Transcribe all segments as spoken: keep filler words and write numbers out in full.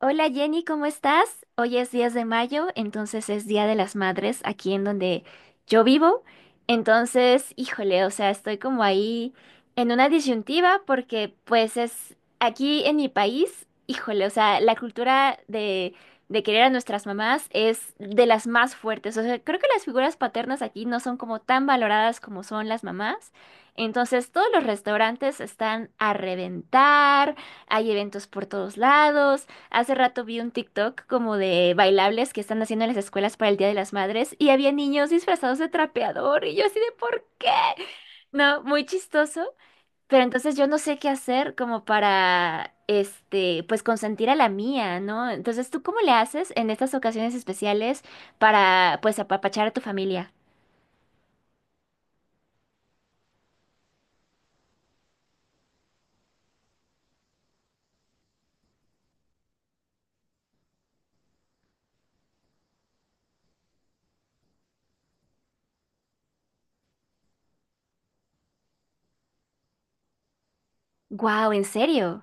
Hola Jenny, ¿cómo estás? Hoy es diez de mayo, entonces es Día de las Madres aquí en donde yo vivo. Entonces, híjole, o sea, estoy como ahí en una disyuntiva porque pues es aquí en mi país, híjole, o sea, la cultura de, de querer a nuestras mamás es de las más fuertes. O sea, creo que las figuras paternas aquí no son como tan valoradas como son las mamás. Entonces, todos los restaurantes están a reventar, hay eventos por todos lados. Hace rato vi un TikTok como de bailables que están haciendo en las escuelas para el Día de las Madres y había niños disfrazados de trapeador y yo así de ¿por qué? No, muy chistoso. Pero entonces yo no sé qué hacer como para, este, pues consentir a la mía, ¿no? Entonces, ¿tú cómo le haces en estas ocasiones especiales para, pues, apapachar a tu familia? Wow, ¿en serio?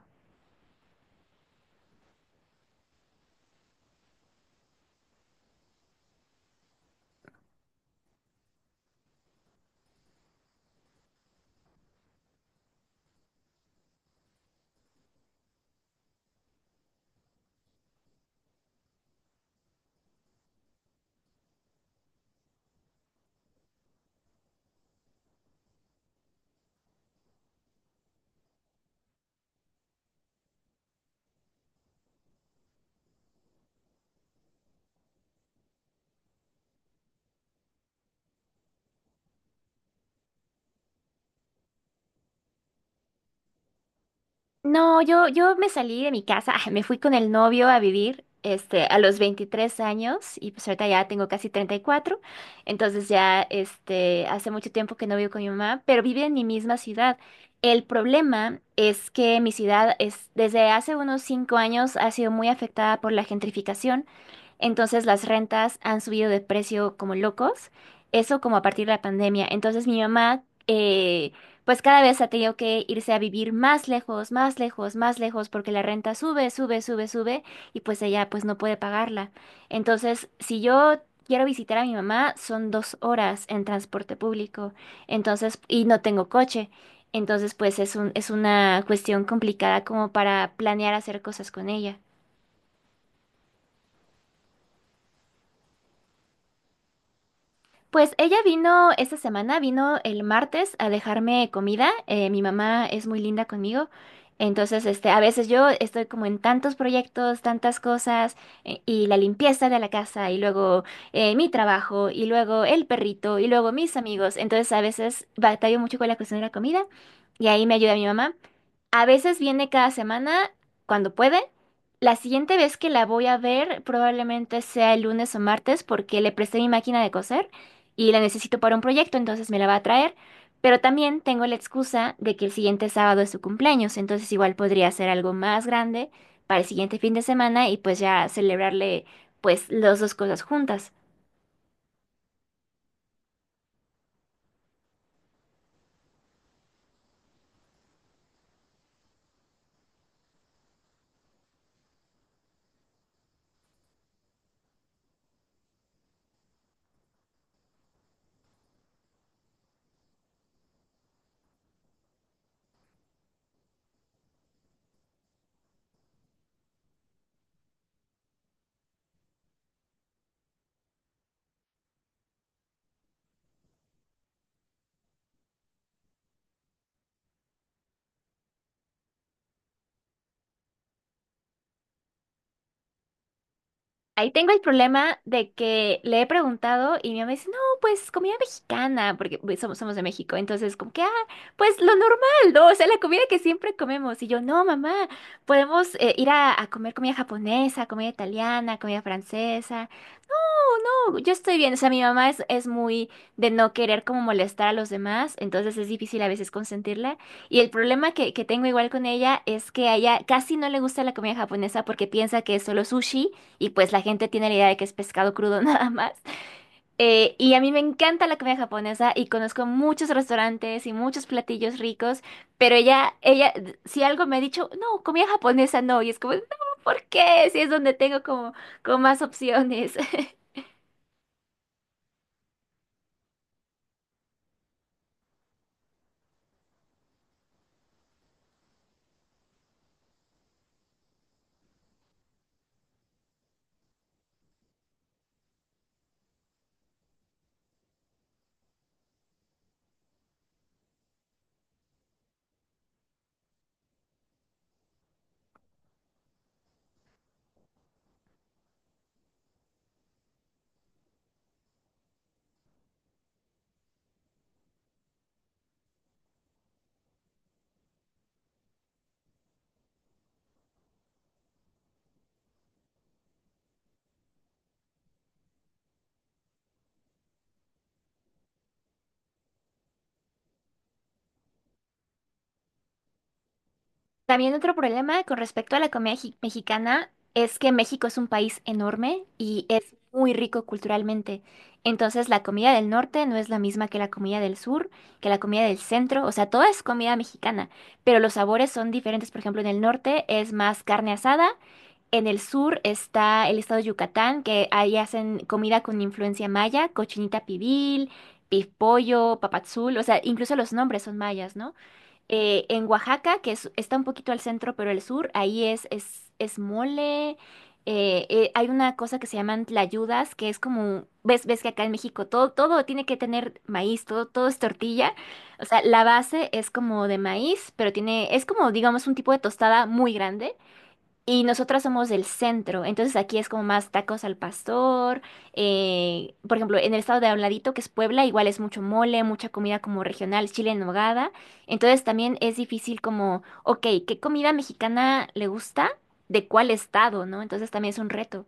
No, yo, yo me salí de mi casa, ah, me fui con el novio a vivir, este, a los veintitrés años y pues ahorita ya tengo casi treinta y cuatro. Entonces ya, este, hace mucho tiempo que no vivo con mi mamá, pero vive en mi misma ciudad. El problema es que mi ciudad es, desde hace unos cinco años ha sido muy afectada por la gentrificación, entonces las rentas han subido de precio como locos, eso como a partir de la pandemia, entonces mi mamá... eh, pues cada vez ha tenido que irse a vivir más lejos, más lejos, más lejos, porque la renta sube, sube, sube, sube, y pues ella pues no puede pagarla. Entonces, si yo quiero visitar a mi mamá, son dos horas en transporte público, entonces, y no tengo coche. Entonces, pues es un, es una cuestión complicada como para planear hacer cosas con ella. Pues ella vino esta semana, vino el martes a dejarme comida. Eh, mi mamá es muy linda conmigo. Entonces, este, a veces yo estoy como en tantos proyectos, tantas cosas, eh, y la limpieza de la casa, y luego eh, mi trabajo, y luego el perrito, y luego mis amigos. Entonces, a veces batallo mucho con la cuestión de la comida, y ahí me ayuda mi mamá. A veces viene cada semana, cuando puede. La siguiente vez que la voy a ver probablemente sea el lunes o martes porque le presté mi máquina de coser y la necesito para un proyecto, entonces me la va a traer. Pero también tengo la excusa de que el siguiente sábado es su cumpleaños, entonces igual podría hacer algo más grande para el siguiente fin de semana y pues ya celebrarle pues las dos cosas juntas. Ahí tengo el problema de que le he preguntado y mi mamá dice, no, pues comida mexicana, porque pues, somos, somos de México, entonces como que, ah, pues lo normal, ¿no? O sea, la comida que siempre comemos. Y yo, no, mamá, podemos eh, ir a, a comer comida japonesa, comida italiana, comida francesa. Yo estoy bien, o sea, mi mamá es, es muy de no querer como molestar a los demás, entonces es difícil a veces consentirla. Y el problema que, que tengo igual con ella es que a ella casi no le gusta la comida japonesa porque piensa que es solo sushi y pues la gente tiene la idea de que es pescado crudo nada más. Eh, y a mí me encanta la comida japonesa y conozco muchos restaurantes y muchos platillos ricos, pero ella, ella, si algo me ha dicho, no, comida japonesa no, y es como, no, ¿por qué? Si es donde tengo como, como más opciones. También otro problema con respecto a la comida ji- mexicana es que México es un país enorme y es muy rico culturalmente. Entonces la comida del norte no es la misma que la comida del sur, que la comida del centro, o sea, toda es comida mexicana, pero los sabores son diferentes. Por ejemplo, en el norte es más carne asada, en el sur está el estado de Yucatán, que ahí hacen comida con influencia maya, cochinita pibil, pif pollo, papadzul, o sea, incluso los nombres son mayas, ¿no? Eh, en Oaxaca, que es- está un poquito al centro, pero el sur, ahí es, es, es mole. eh, eh, hay una cosa que se llaman tlayudas, que es como, ves, ves que acá en México todo, todo tiene que tener maíz, todo, todo es tortilla. O sea, la base es como de maíz, pero tiene, es como, digamos, un tipo de tostada muy grande. Y nosotras somos el centro, entonces aquí es como más tacos al pastor. eh, por ejemplo, en el estado de Habladito, que es Puebla, igual es mucho mole, mucha comida como regional, chile en nogada. Entonces también es difícil como, ok, ¿qué comida mexicana le gusta? ¿De cuál estado, no? Entonces también es un reto.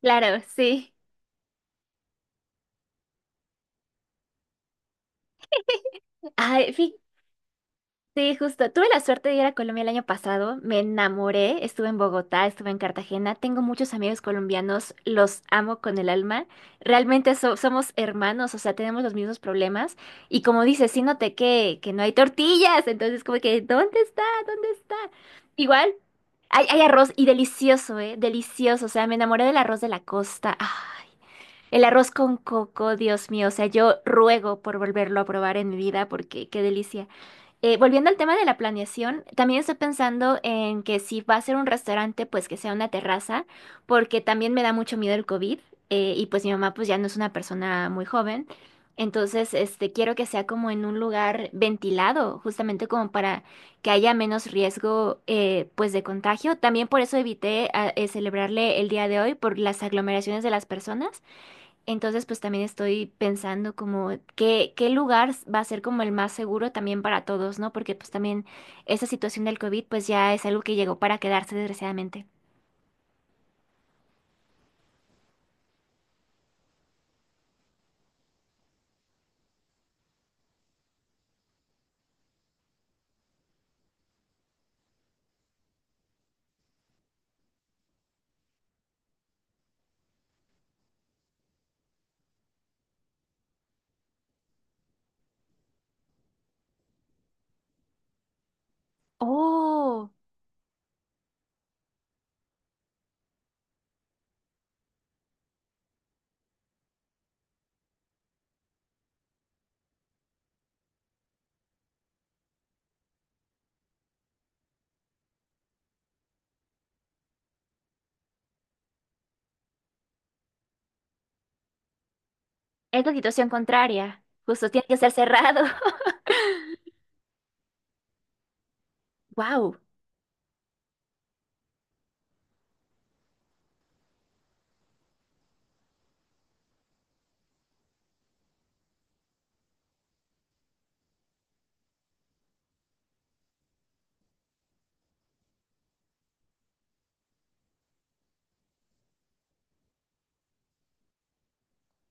Claro, sí. Ay, fí- sí, justo. Tuve la suerte de ir a Colombia el año pasado. Me enamoré. Estuve en Bogotá, estuve en Cartagena. Tengo muchos amigos colombianos. Los amo con el alma. Realmente so- somos hermanos, o sea, tenemos los mismos problemas. Y como dices, sí noté que, que no hay tortillas. Entonces, como que, ¿dónde está? ¿Dónde está? Igual, hay, hay arroz y delicioso, ¿eh? Delicioso. O sea, me enamoré del arroz de la costa. Ah, el arroz con coco, Dios mío. O sea, yo ruego por volverlo a probar en mi vida porque qué delicia. Eh, volviendo al tema de la planeación, también estoy pensando en que si va a ser un restaurante, pues que sea una terraza, porque también me da mucho miedo el COVID, eh, y pues mi mamá pues ya no es una persona muy joven, entonces este quiero que sea como en un lugar ventilado, justamente como para que haya menos riesgo eh, pues de contagio. También por eso evité ah, eh, celebrarle el día de hoy por las aglomeraciones de las personas. Entonces, pues también estoy pensando como qué, qué lugar va a ser como el más seguro también para todos, ¿no? Porque pues también esa situación del COVID pues ya es algo que llegó para quedarse desgraciadamente. Oh, es la situación contraria. Justo tiene que ser cerrado. Wow.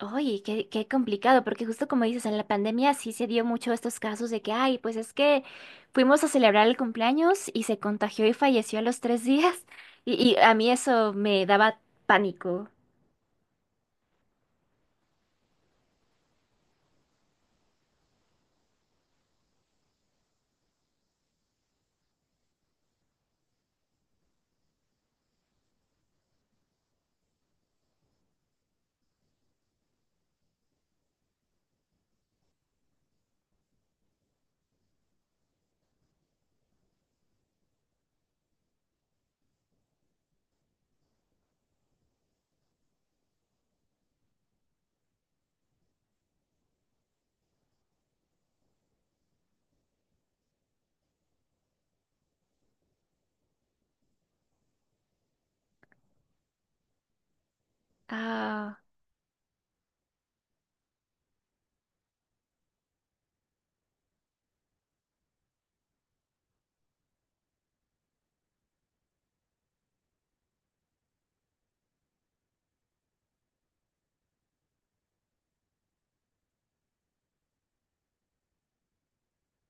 Oye, qué, qué complicado, porque justo como dices, en la pandemia sí se dio mucho estos casos de que, ay, pues es que fuimos a celebrar el cumpleaños y se contagió y falleció a los tres días. Y, y a mí eso me daba pánico. Ah.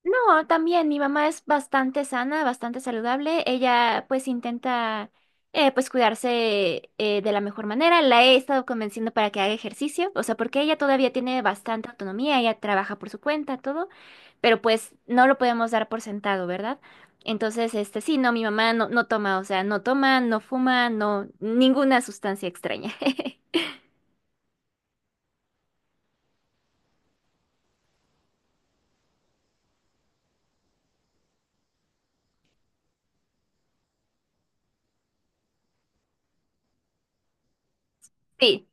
No, también mi mamá es bastante sana, bastante saludable. Ella pues intenta eh, pues cuidarse eh, de la mejor manera. La he estado convenciendo para que haga ejercicio, o sea, porque ella todavía tiene bastante autonomía, ella trabaja por su cuenta, todo, pero pues no lo podemos dar por sentado, ¿verdad? Entonces, este, sí, no, mi mamá no, no toma, o sea, no toma, no fuma, no, ninguna sustancia extraña. Sí.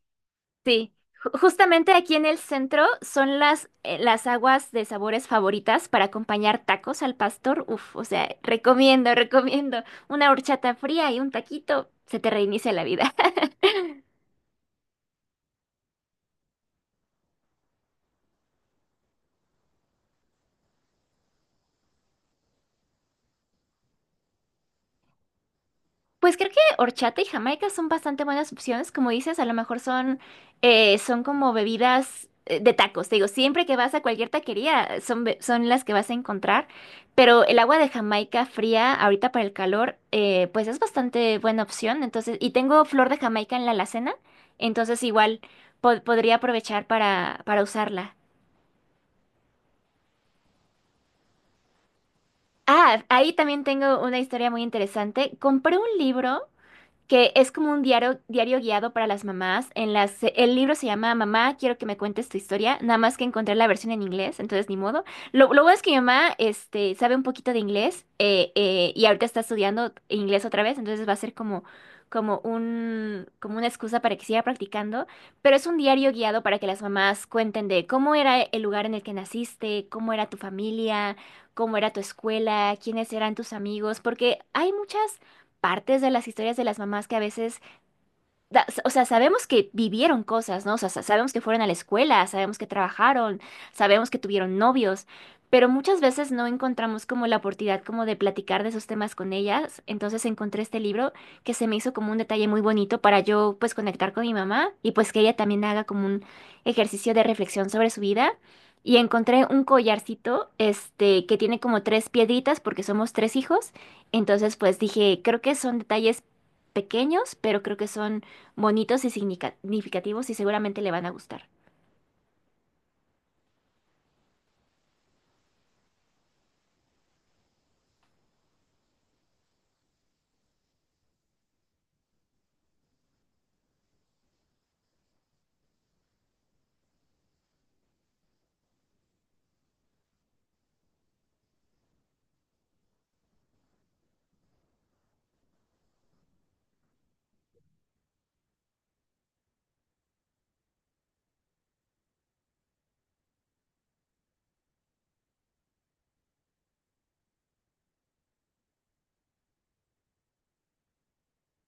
Sí, ju- justamente aquí en el centro son las, eh, las aguas de sabores favoritas para acompañar tacos al pastor. Uf, o sea, recomiendo, recomiendo una horchata fría y un taquito, se te reinicia la vida. Pues creo que horchata y jamaica son bastante buenas opciones, como dices, a lo mejor son, eh, son como bebidas eh, de tacos, te digo, siempre que vas a cualquier taquería eh, son, be- son las que vas a encontrar, pero el agua de Jamaica fría ahorita para el calor, eh, pues es bastante buena opción, entonces, y tengo flor de Jamaica en la alacena, entonces igual po- podría aprovechar para, para usarla. Ah, ahí también tengo una historia muy interesante, compré un libro que es como un diario, diario guiado para las mamás. En las, el libro se llama Mamá, quiero que me cuentes tu historia, nada más que encontré la versión en inglés, entonces ni modo. Lo, lo bueno es que mi mamá este, sabe un poquito de inglés eh, eh, y ahorita está estudiando inglés otra vez, entonces va a ser como, como un, como una excusa para que siga practicando, pero es un diario guiado para que las mamás cuenten de cómo era el lugar en el que naciste, cómo era tu familia, cómo era tu escuela, quiénes eran tus amigos, porque hay muchas partes de las historias de las mamás que a veces da- o sea, sabemos que vivieron cosas, ¿no? O sea, sa- sabemos que fueron a la escuela, sabemos que trabajaron, sabemos que tuvieron novios, pero muchas veces no encontramos como la oportunidad como de platicar de esos temas con ellas. Entonces encontré este libro que se me hizo como un detalle muy bonito para yo pues conectar con mi mamá y pues que ella también haga como un ejercicio de reflexión sobre su vida. Y encontré un collarcito, este, que tiene como tres piedritas porque somos tres hijos. Entonces, pues dije, creo que son detalles pequeños, pero creo que son bonitos y signica- significativos y seguramente le van a gustar.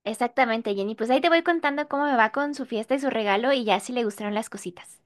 Exactamente, Jenny. Pues ahí te voy contando cómo me va con su fiesta y su regalo y ya si le gustaron las cositas.